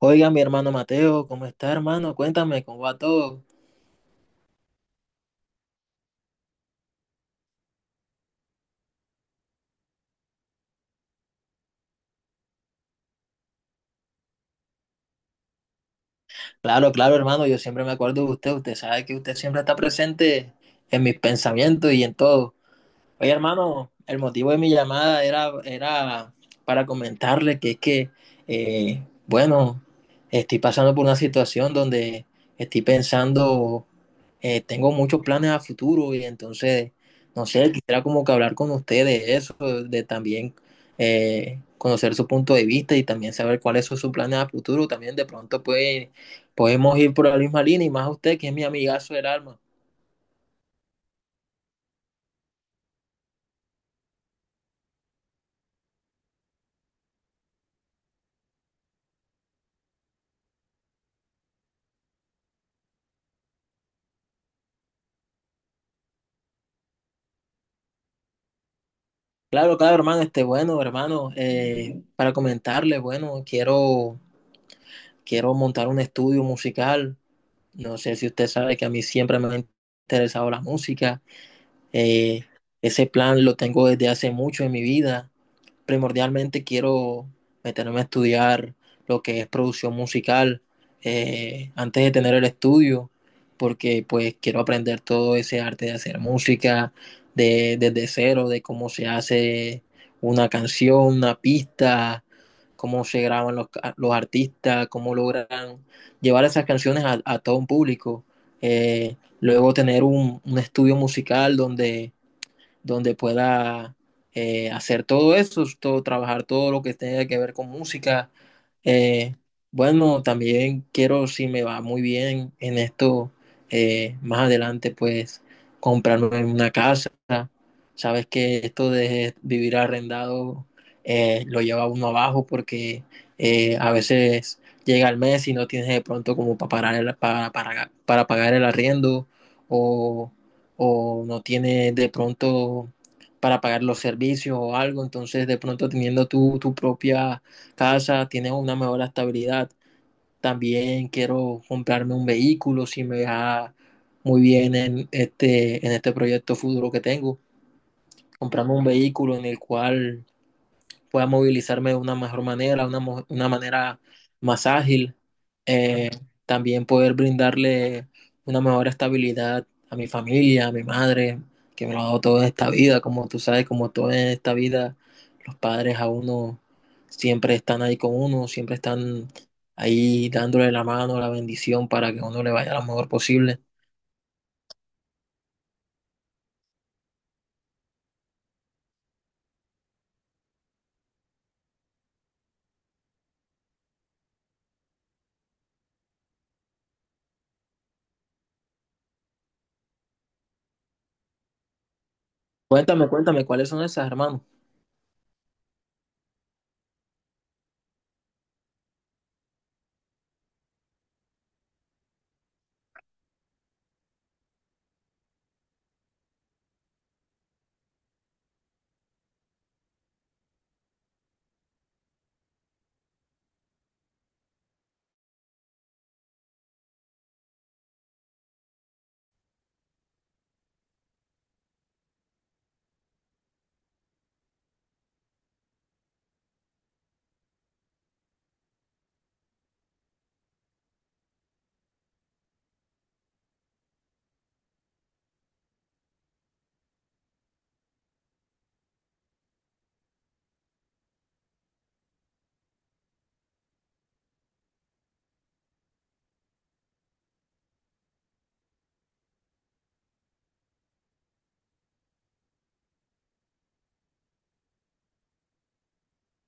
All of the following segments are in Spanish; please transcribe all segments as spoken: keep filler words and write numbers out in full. Oiga, mi hermano Mateo, ¿cómo está, hermano? Cuéntame, ¿cómo va todo? Claro, claro, hermano, yo siempre me acuerdo de usted. Usted sabe que usted siempre está presente en mis pensamientos y en todo. Oye, hermano, el motivo de mi llamada era, era para comentarle que es que, eh, bueno, estoy pasando por una situación donde estoy pensando, eh, tengo muchos planes a futuro y entonces, no sé, quisiera como que hablar con usted de eso, de también eh, conocer su punto de vista y también saber cuáles son sus planes a futuro. También de pronto puede, podemos ir por la misma línea y más usted que es mi amigazo del alma. Claro, claro, hermano, este, bueno, hermano, eh, para comentarle, bueno, quiero, quiero montar un estudio musical. No sé si usted sabe que a mí siempre me ha interesado la música. Eh, Ese plan lo tengo desde hace mucho en mi vida, primordialmente quiero meterme a estudiar lo que es producción musical, eh, antes de tener el estudio, porque pues quiero aprender todo ese arte de hacer música de, desde cero, de cómo se hace una canción, una pista, cómo se graban los, los artistas, cómo logran llevar esas canciones a, a todo un público. Eh, luego tener un, un estudio musical donde donde pueda eh, hacer todo eso, todo, trabajar todo lo que tenga que ver con música. Eh, bueno, también quiero, si me va muy bien en esto, eh, más adelante, pues comprarme una casa. Sabes que esto de vivir arrendado eh, lo lleva uno abajo porque eh, a veces llega el mes y no tienes de pronto como para pagar el- para, para, para pagar el arriendo o o no tiene de pronto para pagar los servicios o algo, entonces de pronto teniendo tu, tu propia casa tienes una mejor estabilidad. También quiero comprarme un vehículo si me va muy bien en este, en este proyecto futuro que tengo. Comprarme un vehículo en el cual pueda movilizarme de una mejor manera, una, mo- una manera más ágil, eh, también poder brindarle una mejor estabilidad a mi familia, a mi madre, que me lo ha dado toda esta vida, como tú sabes, como toda esta vida, los padres a uno siempre están ahí con uno, siempre están ahí dándole la mano, la bendición para que uno le vaya lo mejor posible. Cuéntame, cuéntame, ¿cuáles son esas, hermano?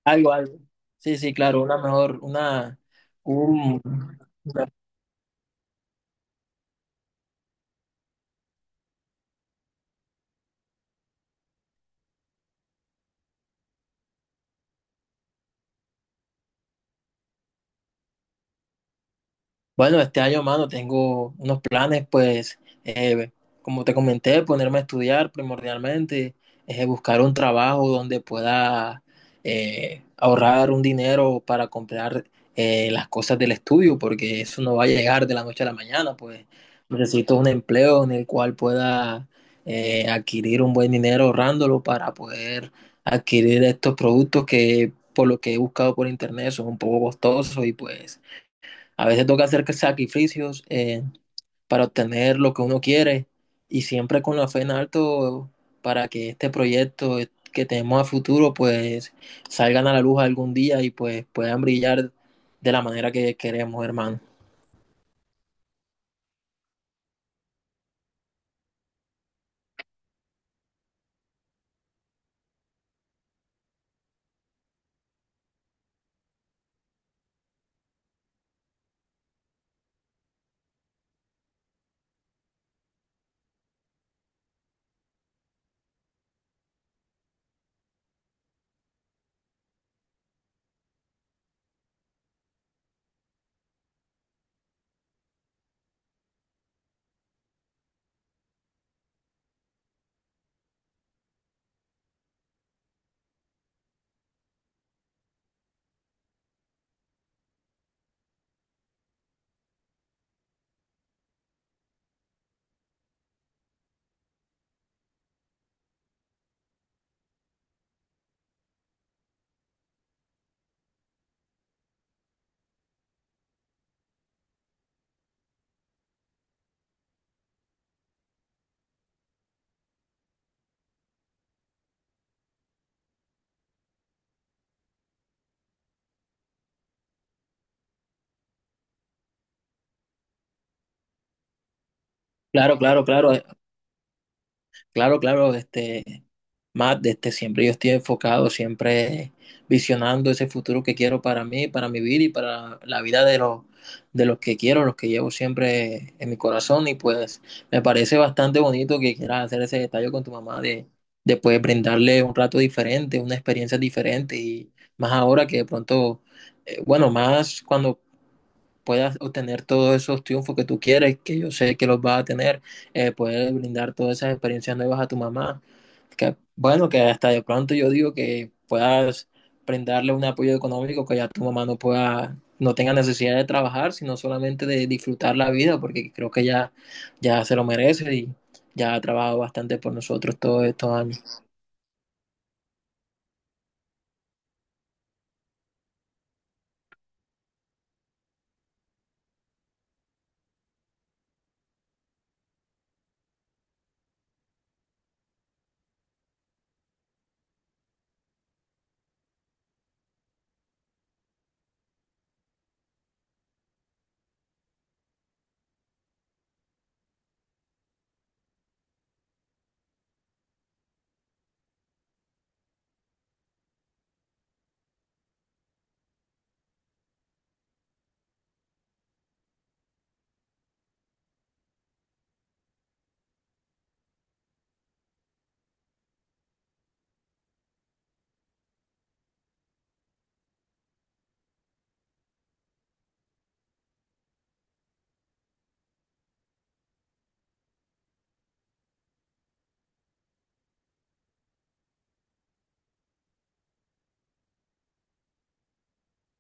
Algo, algo. Sí, sí, claro, una mejor, una, un, bueno, este año, mano, tengo unos planes, pues, eh, como te comenté, ponerme a estudiar primordialmente, eh, buscar un trabajo donde pueda eh, ahorrar un dinero para comprar eh, las cosas del estudio, porque eso no va a llegar de la noche a la mañana, pues necesito un empleo en el cual pueda eh, adquirir un buen dinero ahorrándolo para poder adquirir estos productos que por lo que he buscado por internet son un poco costosos y pues... A veces toca hacer sacrificios, eh, para obtener lo que uno quiere y siempre con la fe en alto para que este proyecto que tenemos a futuro pues salgan a la luz algún día y pues puedan brillar de la manera que queremos, hermano. Claro, claro, claro. Claro, claro, este, Matt, este, siempre yo estoy enfocado, siempre visionando ese futuro que quiero para mí, para mi vida y para la vida de los, de los que quiero, los que llevo siempre en mi corazón. Y pues me parece bastante bonito que quieras hacer ese detalle con tu mamá de, de pues, brindarle un rato diferente, una experiencia diferente. Y más ahora que de pronto, eh, bueno, más cuando puedas obtener todos esos triunfos que tú quieres, que yo sé que los vas a tener, eh, poder brindar todas esas experiencias nuevas a tu mamá, que bueno, que hasta de pronto yo digo que puedas brindarle un apoyo económico que ya tu mamá no pueda, no tenga necesidad de trabajar, sino solamente de disfrutar la vida, porque creo que ya, ya se lo merece y ya ha trabajado bastante por nosotros todos estos años.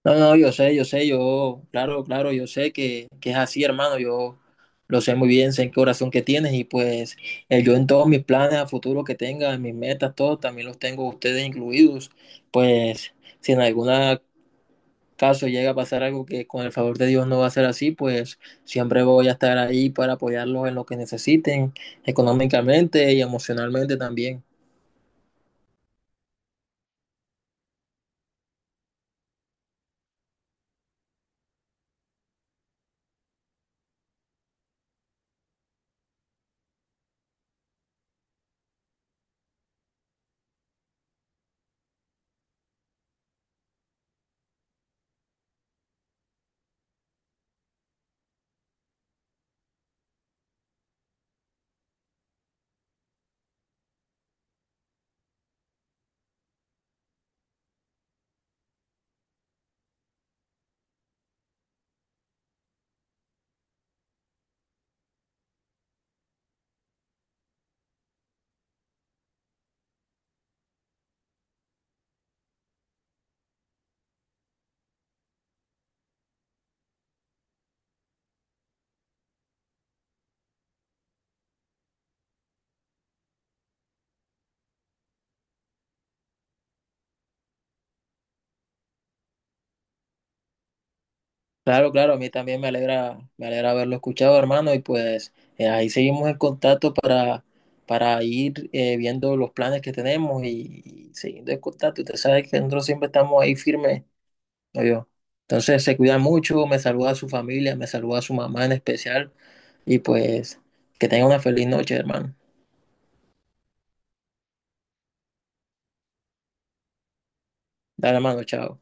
No, no, yo sé, yo sé, yo, claro, claro, yo sé que, que es así, hermano, yo lo sé muy bien, sé en qué oración que tienes y pues eh, yo en todos mis planes a futuro que tenga, en mis metas, todo, también los tengo ustedes incluidos, pues si en algún caso llega a pasar algo que con el favor de Dios no va a ser así, pues siempre voy a estar ahí para apoyarlos en lo que necesiten, económicamente y emocionalmente también. Claro, claro, a mí también me alegra, me alegra haberlo escuchado, hermano, y pues eh, ahí seguimos en contacto para, para ir eh, viendo los planes que tenemos y, y siguiendo en contacto. Usted sabe que nosotros siempre estamos ahí firmes, ¿no yo? Entonces se cuida mucho, me saluda a su familia, me saluda a su mamá en especial, y pues que tenga una feliz noche, hermano. Dale, hermano, chao.